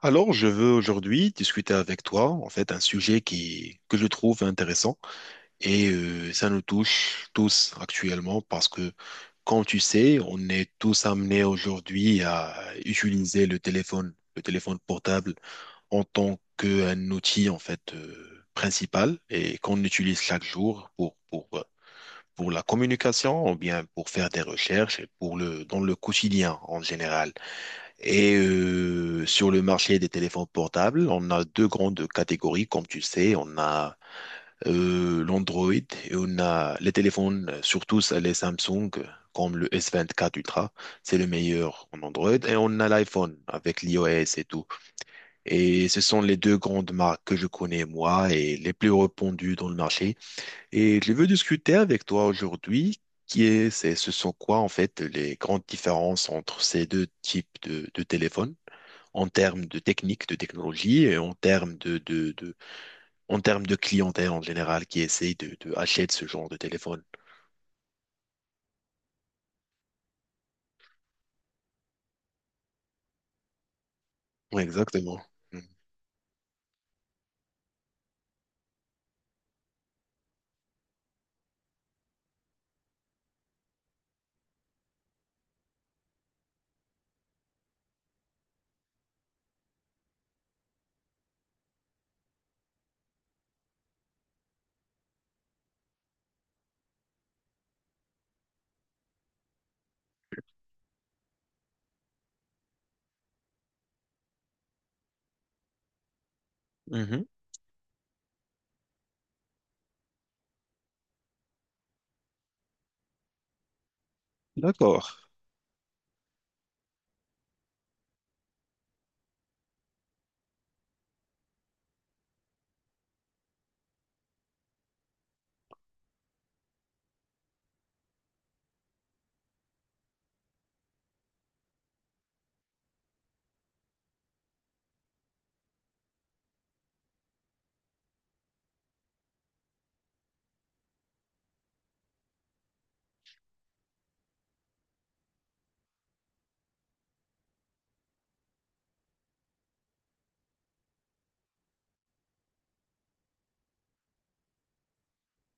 Alors, je veux aujourd'hui discuter avec toi, en fait, un sujet que je trouve intéressant. Et ça nous touche tous actuellement parce que, comme tu sais, on est tous amenés aujourd'hui à utiliser le téléphone portable en tant qu'un outil, en fait, principal et qu'on utilise chaque jour pour la communication ou bien pour faire des recherches et dans le quotidien en général. Et sur le marché des téléphones portables, on a deux grandes catégories, comme tu sais. On a l'Android et on a les téléphones, surtout les Samsung, comme le S24 Ultra. C'est le meilleur en Android. Et on a l'iPhone avec l'iOS et tout. Et ce sont les deux grandes marques que je connais, moi, et les plus répandues dans le marché. Et je veux discuter avec toi aujourd'hui. Ce sont quoi en fait les grandes différences entre ces deux types de téléphones? En termes de technique, de technologie, en termes de clientèle en général qui essaye de acheter ce genre de téléphone. Ouais, exactement. Mhm. Mhm. D'accord.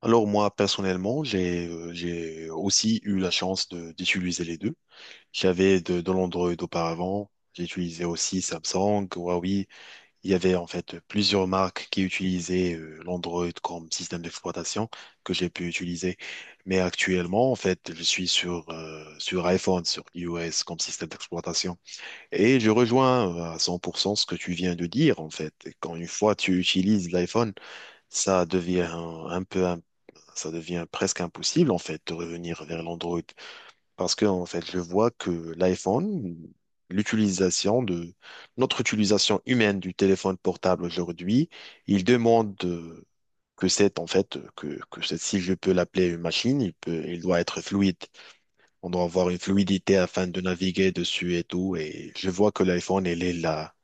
Alors moi, personnellement, j'ai aussi eu la chance d'utiliser les deux. J'avais de l'Android auparavant. J'ai utilisé aussi Samsung, Huawei. Il y avait en fait plusieurs marques qui utilisaient l'Android comme système d'exploitation que j'ai pu utiliser. Mais actuellement, en fait, je suis sur iPhone, sur iOS comme système d'exploitation. Et je rejoins à 100% ce que tu viens de dire, en fait. Quand une fois tu utilises l'iPhone, ça devient un peu, ça devient presque impossible, en fait, de revenir vers l'Android. Parce que, en fait, je vois que l'iPhone, l'utilisation de, notre utilisation humaine du téléphone portable aujourd'hui, il demande que c'est, en fait, que c'est- si je peux l'appeler une machine, il peut, il doit être fluide. On doit avoir une fluidité afin de naviguer dessus et tout. Et je vois que l'iPhone, il est là,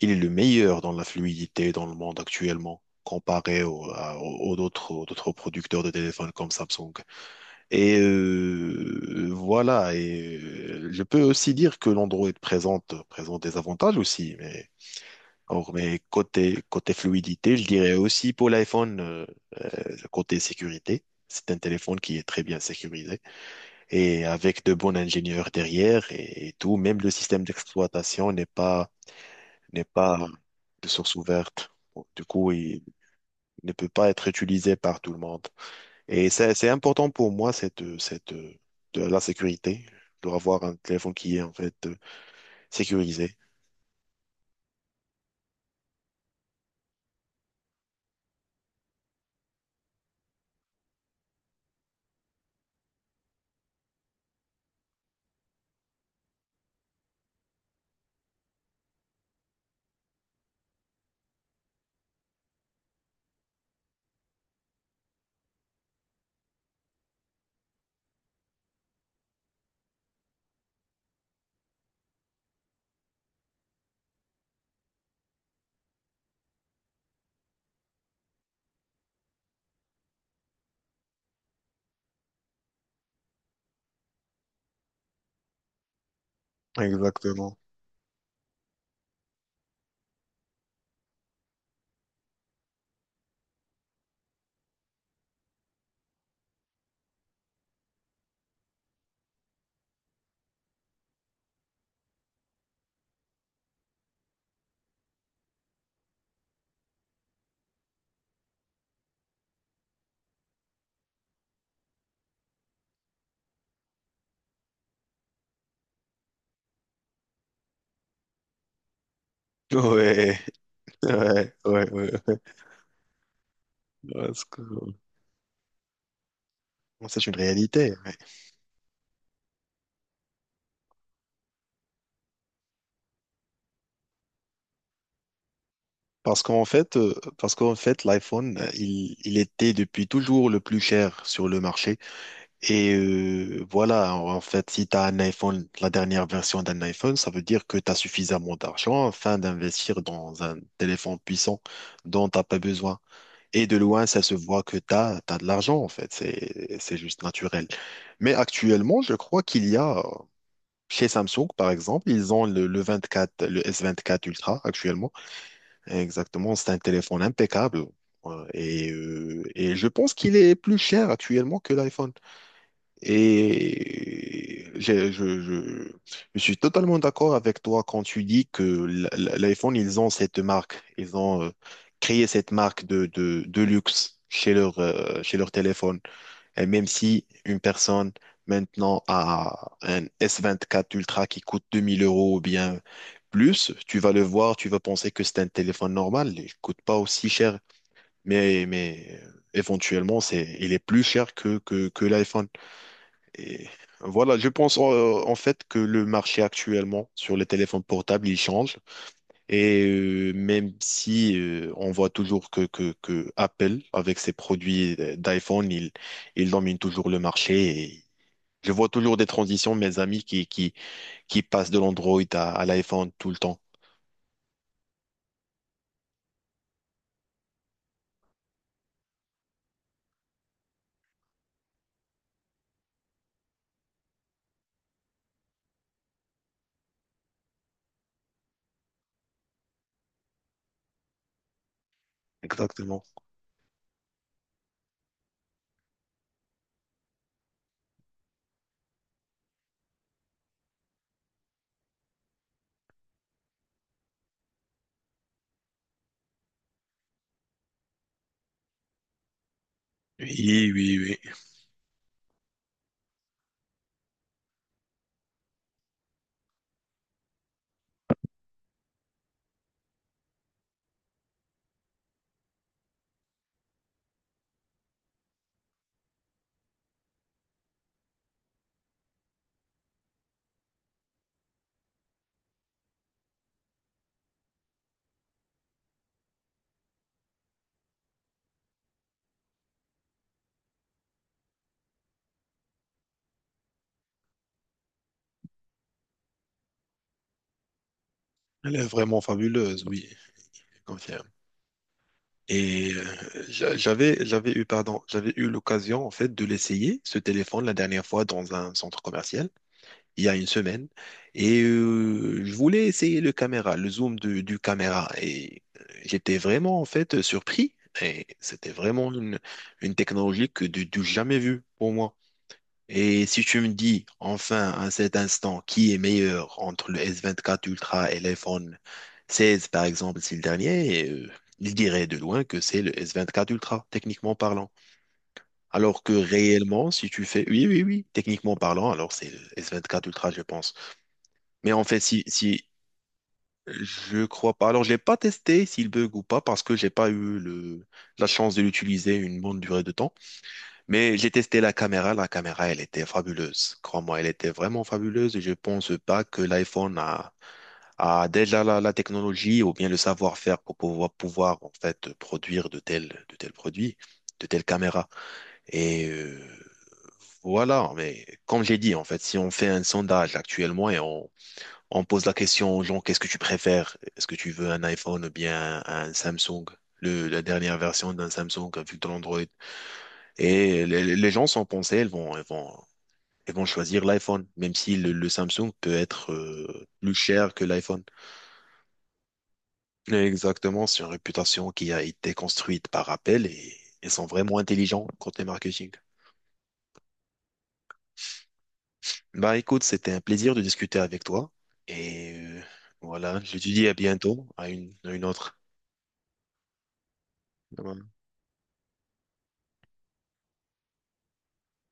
il est le meilleur dans la fluidité dans le monde actuellement, comparé aux autres, producteurs de téléphones comme Samsung. Je peux aussi dire que l'Android présente des avantages aussi, mais, or, mais côté fluidité, je dirais aussi pour l'iPhone, côté sécurité, c'est un téléphone qui est très bien sécurisé et avec de bons ingénieurs derrière et tout, même le système d'exploitation n'est pas de source ouverte. Bon, du coup, il ne peut pas être utilisé par tout le monde. Et c'est important pour moi, de la sécurité, de avoir un téléphone qui est en fait sécurisé. Exactement. Ouais, ouais, ouais, ouais. Parce que, euh, C'est une réalité, ouais. Parce qu'en fait, l'iPhone, il était depuis toujours le plus cher sur le marché. Et voilà, en fait, si tu as un iPhone, la dernière version d'un iPhone, ça veut dire que tu as suffisamment d'argent afin d'investir dans un téléphone puissant dont tu n'as pas besoin. Et de loin, ça se voit que tu as, de l'argent, en fait. C'est juste naturel. Mais actuellement, je crois qu'il y a, chez Samsung, par exemple, ils ont le S24 Ultra actuellement. Exactement, c'est un téléphone impeccable. Et je pense qu'il est plus cher actuellement que l'iPhone. Et je suis totalement d'accord avec toi quand tu dis que l'iPhone, ils ont cette marque, ils ont créé cette marque de luxe chez chez leur téléphone. Et même si une personne maintenant a un S24 Ultra qui coûte 2 000 euros ou bien plus, tu vas le voir, tu vas penser que c'est un téléphone normal, il ne coûte pas aussi cher, éventuellement, il est plus cher que l'iPhone. Et voilà, je pense en fait que le marché actuellement sur les téléphones portables, il change. Et même si on voit toujours que Apple, avec ses produits d'iPhone, il domine toujours le marché. Et je vois toujours des transitions, mes amis, qui passe de l'Android à l'iPhone tout le temps. Exactement. Oui, oui, oui. Elle est vraiment fabuleuse, oui. Je confirme. Et j'avais eu l'occasion en fait de l'essayer, ce téléphone, la dernière fois dans un centre commercial, il y a une semaine. Et je voulais essayer le caméra, le zoom du caméra. Et j'étais vraiment en fait surpris. Et c'était vraiment une technologie que du jamais vue pour moi. Et si tu me dis enfin à cet instant qui est meilleur entre le S24 Ultra et l'iPhone 16 par exemple, c'est le dernier, il dirait de loin que c'est le S24 Ultra, techniquement parlant. Alors que réellement, si tu fais oui, oui, oui, techniquement parlant, alors c'est le S24 Ultra, je pense. Mais en fait, si je crois pas, alors je l'ai pas testé s'il bug ou pas parce que j'ai pas eu la chance de l'utiliser une bonne durée de temps. Mais j'ai testé la caméra, elle était fabuleuse. Crois-moi, elle était vraiment fabuleuse et je pense pas que l'iPhone a déjà la technologie ou bien le savoir-faire pour pouvoir en fait produire de tels produits, de telles caméras. Et voilà, mais comme j'ai dit, en fait, si on fait un sondage actuellement et on pose la question aux gens, qu'est-ce que tu préfères? Est-ce que tu veux un iPhone ou bien un Samsung? La dernière version d'un Samsung avec de l'Android. Et les gens sont pensés, ils vont choisir l'iPhone, même si le Samsung peut être plus cher que l'iPhone. Exactement, c'est une réputation qui a été construite par Apple et ils sont vraiment intelligents côté marketing. Bah écoute, c'était un plaisir de discuter avec toi et voilà, je te dis à bientôt, à une autre.